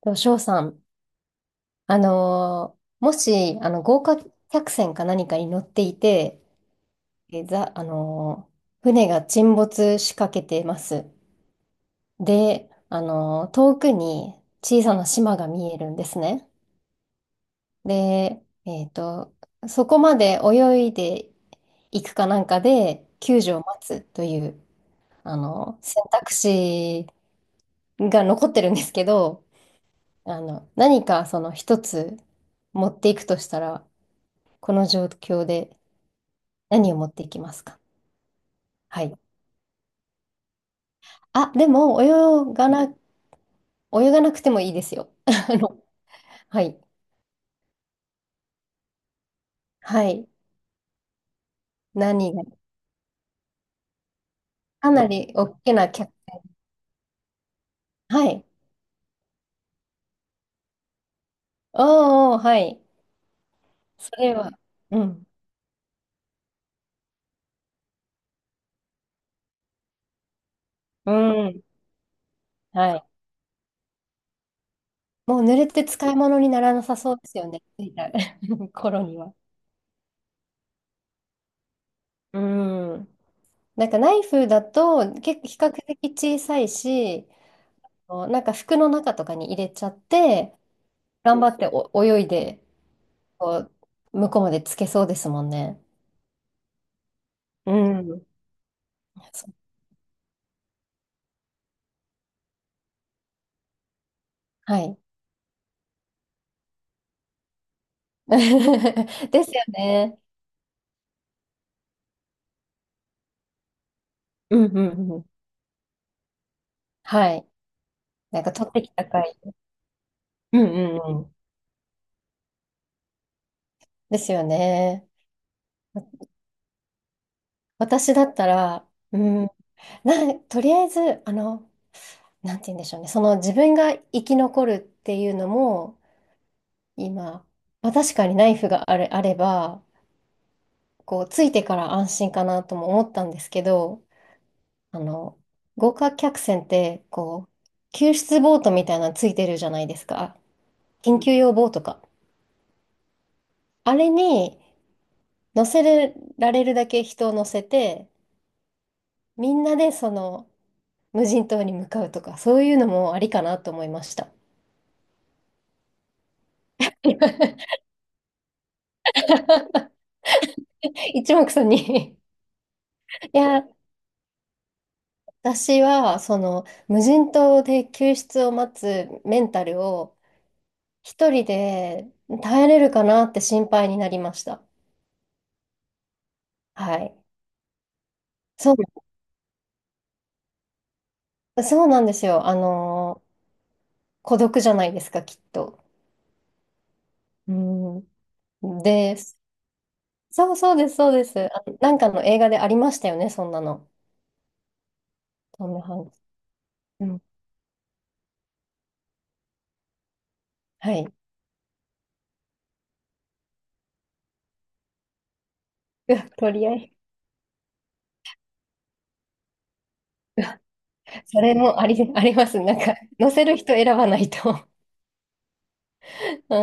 と、翔さん、あのーもし、あの、豪華客船か何かに乗っていて、え、ざ、あのー船が沈没しかけてます。で、遠くに小さな島が見えるんですね。で、そこまで泳いでいくかなんかで、救助を待つという、選択肢が残ってるんですけど、何かその一つ持っていくとしたら、この状況で何を持っていきますか？はい。あ、でも、泳がなくてもいいですよ。あの、はい。はい。何が、かなり大きな客、はい。おーおー、はい。それは、うん。うん。はい。もう濡れて使い物にならなさそうですよね。着いた 頃には。うん。なんかナイフだと結構比較的小さいし、なんか服の中とかに入れちゃって、頑張ってお泳いでこう向こうまでつけそうですもんね。うん。そう、はい。ですよね。うんうんうん。はい。なんか取ってきた回。うんうんうん。ですよね。私だったら、うん、とりあえず、なんて言うんでしょうね。その自分が生き残るっていうのも、今、まあ、確かにナイフがあれば、こう、ついてから安心かなとも思ったんですけど、あの、豪華客船って、こう、救出ボートみたいなのついてるじゃないですか。緊急用ボートか。あれに乗せられるだけ人を乗せて、みんなでその無人島に向かうとか、そういうのもありかなと思いました。一目散に、いや、私はその無人島で救出を待つメンタルを一人で耐えれるかなって心配になりました。はい。そう、そうなんですよ。孤独じゃないですか、きっと。うん。で、そうそうです、そうです。あ、なんかの映画でありましたよね、そんなの。トム・ハンクス。うん。はい。うわ、取り合い。それもあり、あります。なんか、載せる人選ばないと。う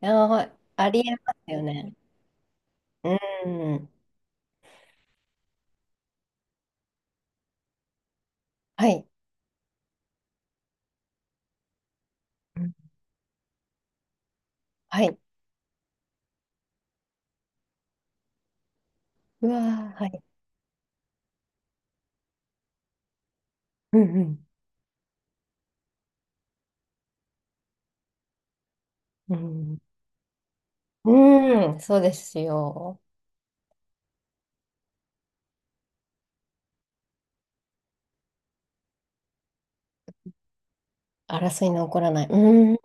ん。あ、ありえますよね。うん。はい。うん、はい。うわー、はい。うんうん。うん。うん、そうですよ。争いの起こらない。うん。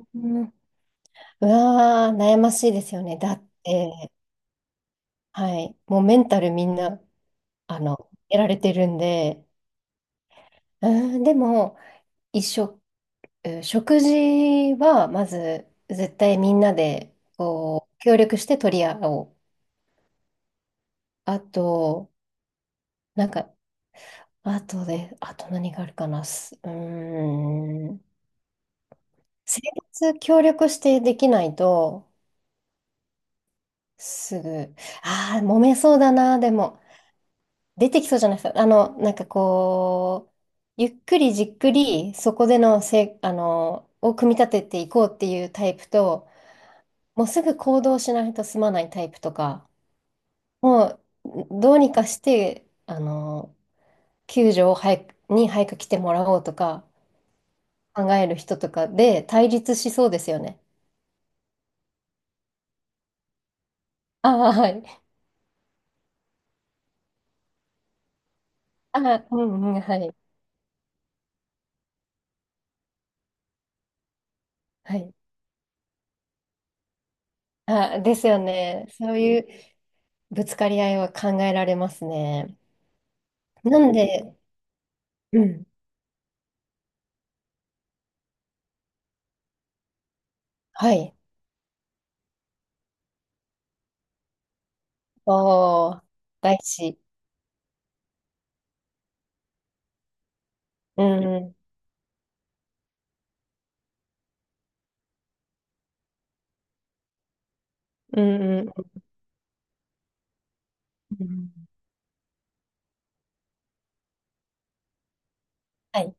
うわー、悩ましいですよね。だって、はい、もうメンタルみんな、やられてるんで、うーん、でも、一緒、うん食事は、まず、絶対みんなで、こう、協力して取り合おう。あと、なんか、あとで、あと何があるかな。すうーん、生活協力してできないと、すぐ、ああ、揉めそうだな、でも。出てきそうじゃないですか。なんかこう、ゆっくりじっくり、そこでのせ、あの、を組み立てていこうっていうタイプと、もうすぐ行動しないと済まないタイプとか、もう、どうにかして、救助を早く来てもらおうとか、考える人とかで対立しそうですよね。ああ、はい。ああ、うんうん、はい。はい。ああ、ですよね。そういうぶつかり合いは考えられますね。なんで、うん、はい。おー、大事。うん。うん、うん、うん。はい。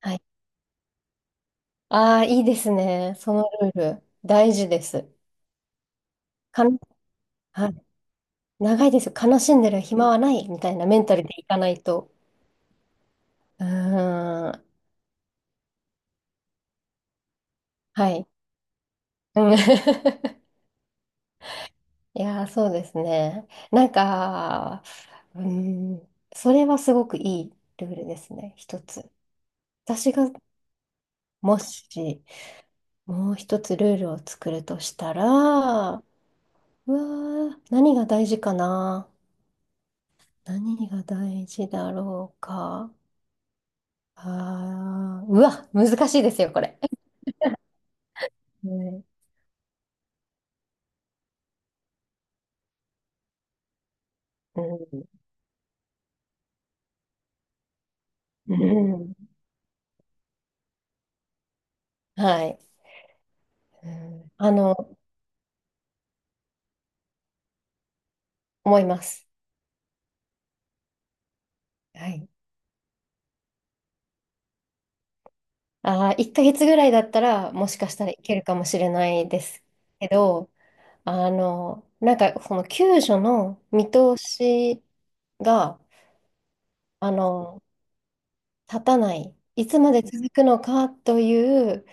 はい。ああ、いいですね。そのルール。大事です。かん、はい。長いですよ。悲しんでる暇はないみたいなメンタルでいかないと。うーん。はい。うん いやー、そうですね。なんか、うーん。それはすごくいいルールですね。一つ。私がもし、もう一つルールを作るとしたら、うわー、何が大事かな、何が大事だろうか。あー、うわ、難しいですよ、これ。うんうん、うん、はい、うん。思います。はい。あー、1ヶ月ぐらいだったら、もしかしたらいけるかもしれないですけど、なんか、この救助の見通しが、あの、立たない。いつまで続くのかという、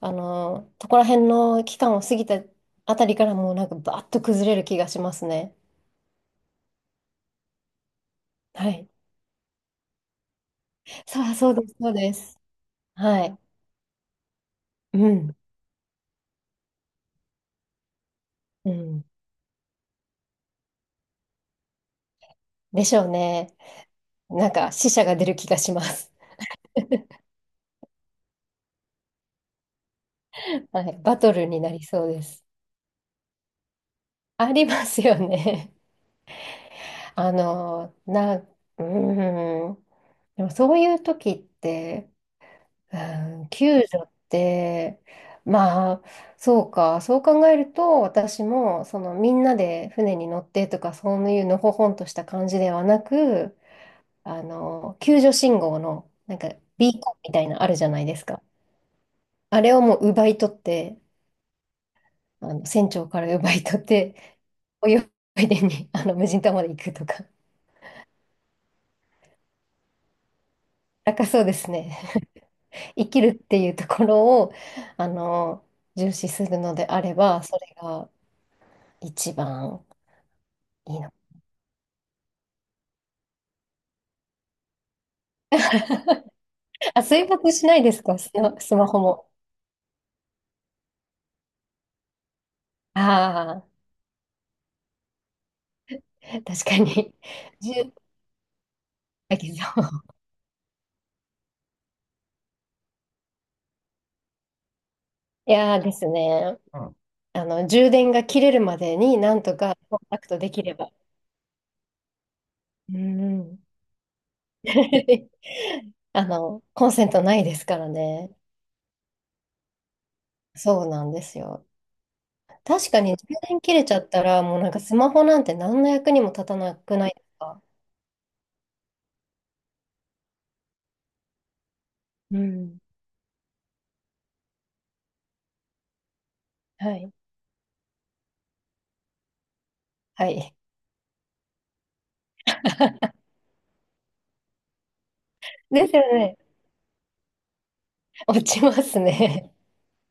そこら辺の期間を過ぎたあたりからもうなんかバーッと崩れる気がしますね。はい。そう、そうです、そうです。はい。うん。うん。でしょうね。なんか死者が出る気がします。はい。バトルになりそうです。ありますよね。あの、な、うん。でもそういう時って、うん、救助って、まあ、そうか、そう考えると、私も、その、みんなで船に乗ってとか、そういうのほほんとした感じではなく、救助信号の、なんか、ビーコンみたいなあるじゃないですか。あれをもう奪い取って、船長から奪い取って、泳いでに、あの、無人島まで行くとか。なんかそうですね。生きるっていうところを、あの、重視するのであれば、それが一番。いいのかな。あ、水没しないですか、スマホも。ああ、確かに。じゅ、だけど。いやーですね。充電が切れるまでになんとかコンタクトできれば。うん。コンセントないですからね。そうなんですよ。確かに充電切れちゃったら、もうなんかスマホなんて何の役にも立たなくないですか？うん。はい。はい。ですよね。落ちますね。